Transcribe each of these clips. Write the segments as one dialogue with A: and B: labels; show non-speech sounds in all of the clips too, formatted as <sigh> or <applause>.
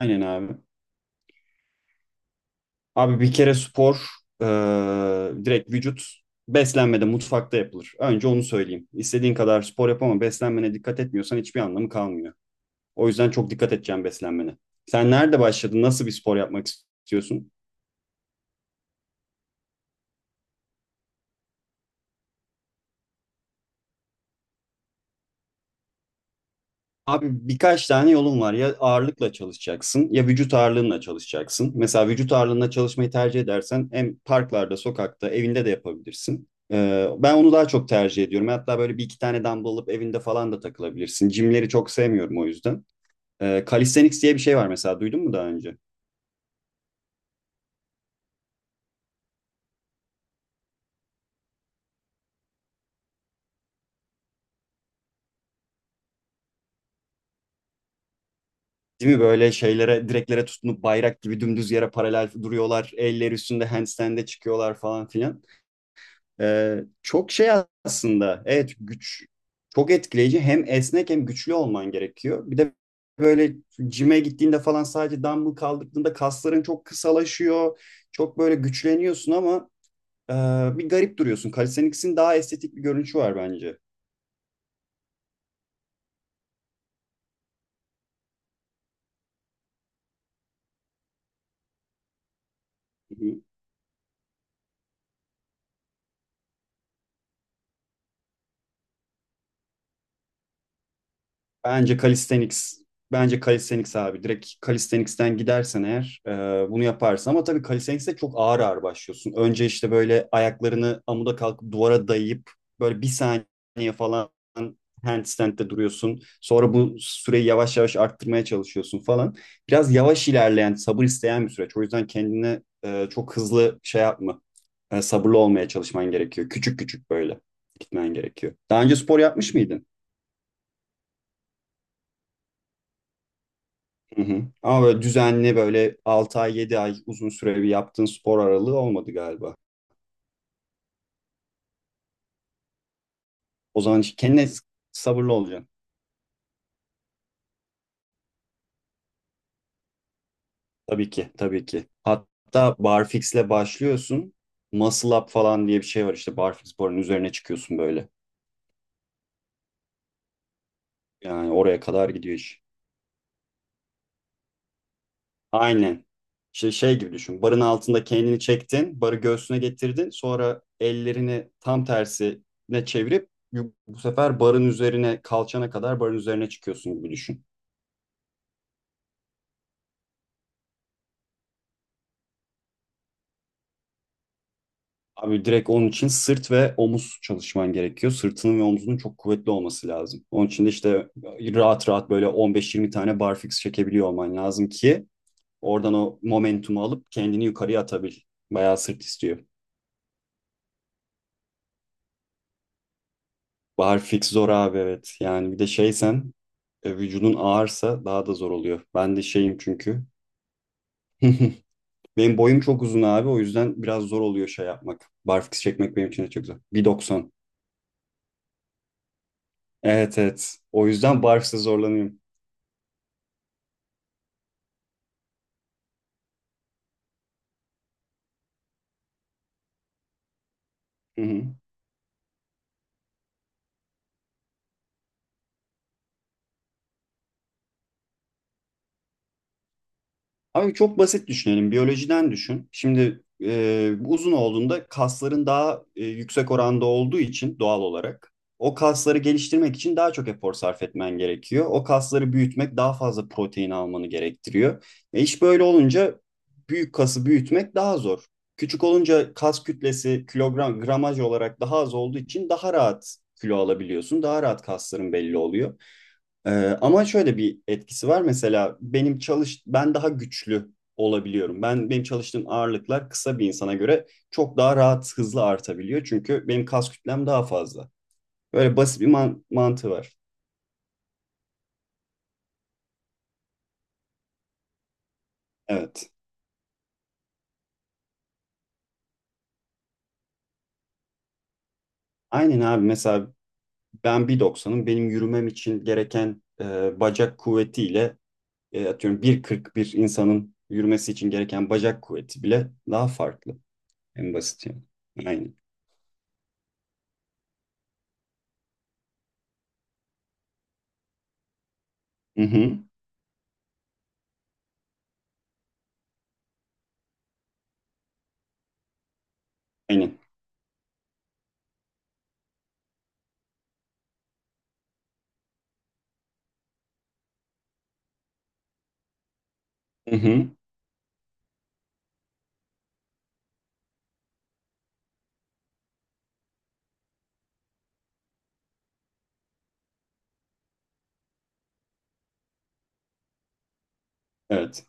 A: Aynen abi. Abi bir kere spor e, direkt vücut beslenmede mutfakta yapılır. Önce onu söyleyeyim. İstediğin kadar spor yap ama beslenmene dikkat etmiyorsan hiçbir anlamı kalmıyor. O yüzden çok dikkat edeceğim beslenmene. Sen nerede başladın? Nasıl bir spor yapmak istiyorsun? Abi birkaç tane yolun var. Ya ağırlıkla çalışacaksın ya vücut ağırlığınla çalışacaksın. Mesela vücut ağırlığına çalışmayı tercih edersen hem parklarda, sokakta, evinde de yapabilirsin. Ben onu daha çok tercih ediyorum. Hatta böyle bir iki tane dumbbell alıp evinde falan da takılabilirsin. Jimleri çok sevmiyorum o yüzden. Calisthenics diye bir şey var mesela, duydun mu daha önce? Değil mi, böyle şeylere, direklere tutunup bayrak gibi dümdüz yere paralel duruyorlar. Elleri üstünde handstand'e çıkıyorlar falan filan. Çok şey aslında. Evet, güç çok etkileyici. Hem esnek hem güçlü olman gerekiyor. Bir de böyle cime gittiğinde falan sadece dumbbell kaldırdığında kasların çok kısalaşıyor. Çok böyle güçleniyorsun ama e, bir garip duruyorsun. Calisthenics'in daha estetik bir görünüşü var bence. Bence calisthenics. Bence calisthenics abi. Direkt calisthenics'ten gidersen eğer bunu yaparsın. Ama tabii calisthenics'te çok ağır ağır başlıyorsun. Önce işte böyle ayaklarını amuda kalkıp duvara dayayıp böyle bir saniye falan handstand'de duruyorsun. Sonra bu süreyi yavaş yavaş arttırmaya çalışıyorsun falan. Biraz yavaş ilerleyen, sabır isteyen bir süreç. O yüzden kendine çok hızlı şey yapma. Sabırlı olmaya çalışman gerekiyor. Küçük küçük böyle gitmen gerekiyor. Daha önce spor yapmış mıydın? Hı hı. Ama böyle düzenli, böyle 6 ay 7 ay uzun süreli bir yaptığın spor aralığı olmadı galiba. O zaman işte kendine sabırlı olacaksın. Tabii ki, tabii ki. Hatta barfix'le başlıyorsun. Muscle up falan diye bir şey var, işte barfix barın üzerine çıkıyorsun böyle. Yani oraya kadar gidiyor iş. Aynen. Şey, şey gibi düşün. Barın altında kendini çektin. Barı göğsüne getirdin. Sonra ellerini tam tersine çevirip bu sefer barın üzerine, kalçana kadar barın üzerine çıkıyorsun gibi düşün. Abi direkt onun için sırt ve omuz çalışman gerekiyor. Sırtının ve omzunun çok kuvvetli olması lazım. Onun için de işte rahat rahat böyle 15-20 tane barfix çekebiliyor olman lazım ki oradan o momentumu alıp kendini yukarıya atabil. Bayağı sırt istiyor. Barfix zor abi, evet. Yani bir de şeysen vücudun ağırsa daha da zor oluyor. Ben de şeyim çünkü. <laughs> Benim boyum çok uzun abi, o yüzden biraz zor oluyor şey yapmak. Barfix çekmek benim için de çok zor. 1.90. Evet, evet. O yüzden barfix'e zorlanıyorum. <laughs> Abi çok basit düşünelim. Biyolojiden düşün. Şimdi uzun olduğunda kasların daha yüksek oranda olduğu için doğal olarak o kasları geliştirmek için daha çok efor sarf etmen gerekiyor. O kasları büyütmek daha fazla protein almanı gerektiriyor. İş böyle olunca büyük kası büyütmek daha zor. Küçük olunca kas kütlesi kilogram gramaj olarak daha az olduğu için daha rahat kilo alabiliyorsun. Daha rahat kasların belli oluyor. Ee, Ama şöyle bir etkisi var. Mesela benim çalış, ben daha güçlü olabiliyorum. Ben, benim çalıştığım ağırlıklar kısa bir insana göre çok daha rahat, hızlı artabiliyor. Çünkü benim kas kütlem daha fazla. Böyle basit bir mantığı var. Evet. Aynen abi, mesela ben 1.90'ım. Benim yürümem için gereken bacak kuvvetiyle, atıyorum 1.40 bir insanın yürümesi için gereken bacak kuvveti bile daha farklı. En basit yani. Aynen. Hı hı. Aynen. Hı hı. Evet.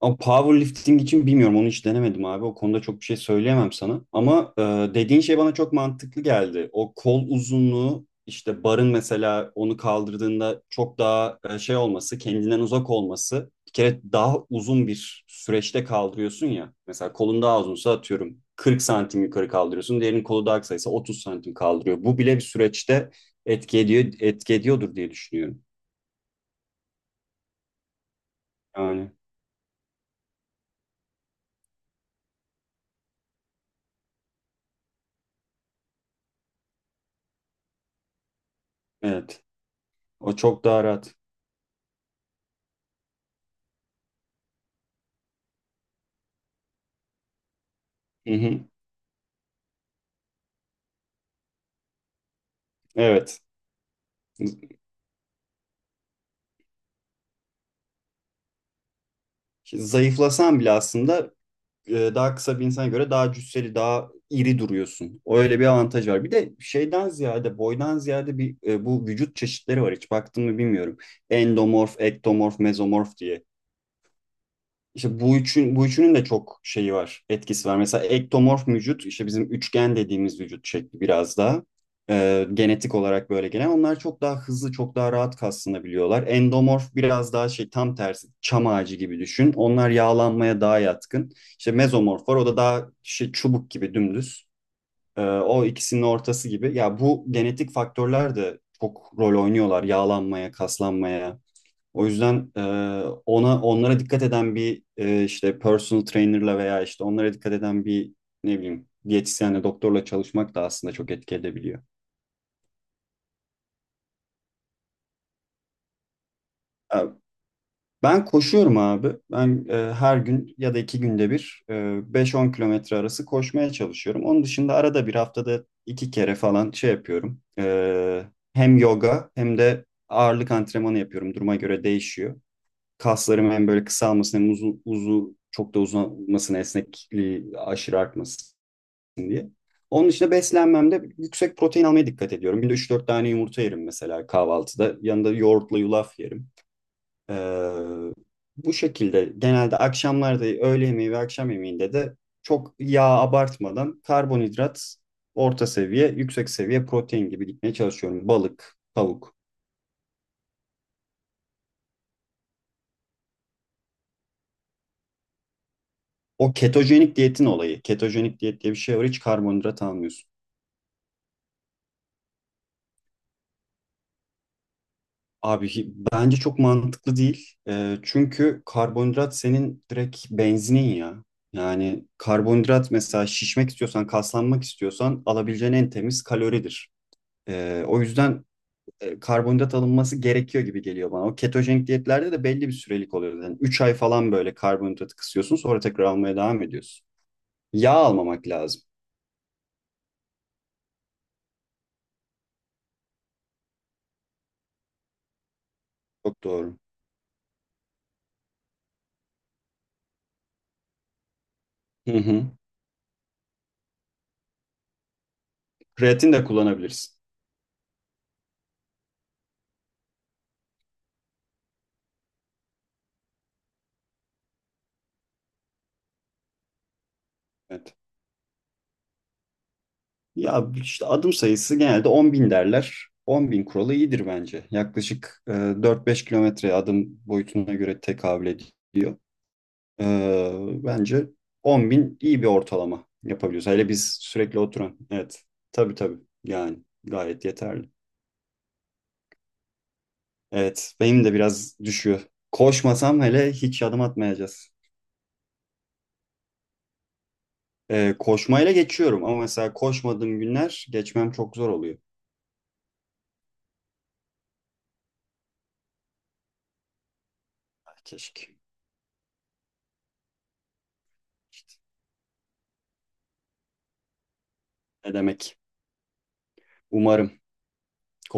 A: Ama powerlifting için bilmiyorum, onu hiç denemedim abi. O konuda çok bir şey söyleyemem sana. Ama dediğin şey bana çok mantıklı geldi. O kol uzunluğu, işte barın mesela onu kaldırdığında çok daha şey olması, kendinden uzak olması. Bir kere daha uzun bir süreçte kaldırıyorsun ya. Mesela kolun daha uzunsa atıyorum 40 santim yukarı kaldırıyorsun. Diğerinin kolu daha kısaysa 30 santim kaldırıyor. Bu bile bir süreçte etki ediyor, etki ediyordur diye düşünüyorum. Yani evet. O çok daha rahat. Hı hı. Evet. Şimdi zayıflasan bile aslında daha kısa bir insana göre daha cüsseli, daha iri duruyorsun. Öyle bir avantaj var. Bir de şeyden ziyade, boydan ziyade bir bu vücut çeşitleri var. Hiç baktın mı bilmiyorum. Endomorf, ektomorf, mezomorf diye. İşte bu üçünün de çok şeyi var, etkisi var. Mesela ektomorf vücut, işte bizim üçgen dediğimiz vücut şekli, biraz daha genetik olarak böyle gelen. Onlar çok daha hızlı, çok daha rahat kaslanabiliyorlar. Endomorf biraz daha şey, tam tersi, çam ağacı gibi düşün. Onlar yağlanmaya daha yatkın. İşte mezomorf var, o da daha şey, çubuk gibi dümdüz. O ikisinin ortası gibi. Ya bu genetik faktörler de çok rol oynuyorlar yağlanmaya, kaslanmaya, o yüzden onlara dikkat eden bir işte personal trainer'la veya işte onlara dikkat eden bir ne bileyim diyetisyenle, doktorla çalışmak da aslında çok etki edebiliyor. E, Ben koşuyorum abi. Ben her gün ya da iki günde bir 5-10 kilometre arası koşmaya çalışıyorum. Onun dışında arada bir, haftada iki kere falan şey yapıyorum. Hem yoga hem de ağırlık antrenmanı yapıyorum. Duruma göre değişiyor. Kaslarım hem böyle kısalmasın hem uzu uzu çok da uzamasın, esnekliği aşırı artmasın diye. Onun dışında beslenmemde yüksek protein almaya dikkat ediyorum. Günde üç dört tane yumurta yerim mesela kahvaltıda. Yanında yoğurtla yulaf yerim. Ee, Bu şekilde genelde akşamlarda, öğle yemeği ve akşam yemeğinde de çok yağ abartmadan karbonhidrat orta seviye, yüksek seviye protein gibi gitmeye çalışıyorum. Balık, tavuk. O ketojenik diyetin olayı. Ketojenik diyet diye bir şey var. Hiç karbonhidrat almıyorsun. Abi bence çok mantıklı değil. Çünkü karbonhidrat senin direkt benzinin ya. Yani karbonhidrat mesela şişmek istiyorsan, kaslanmak istiyorsan alabileceğin en temiz kaloridir. O yüzden karbonhidrat alınması gerekiyor gibi geliyor bana. O ketojenik diyetlerde de belli bir sürelik oluyor. Yani 3 ay falan böyle karbonhidratı kısıyorsun, sonra tekrar almaya devam ediyorsun. Yağ almamak lazım. Çok doğru. Hı hı. Kreatin de kullanabilirsin. Evet. Ya işte adım sayısı genelde 10 bin derler. 10 bin kuralı iyidir bence. Yaklaşık 4-5 kilometre adım boyutuna göre tekabül ediyor. E, Bence 10 bin iyi bir ortalama yapabiliyoruz. Hele biz sürekli oturan. Evet. Tabii, tabii. Yani gayet yeterli. Evet. Benim de biraz düşüyor. Koşmasam hele hiç adım atmayacağız. Koşmayla geçiyorum ama mesela koşmadığım günler geçmem çok zor oluyor. Keşke. İşte ne demek. Umarım.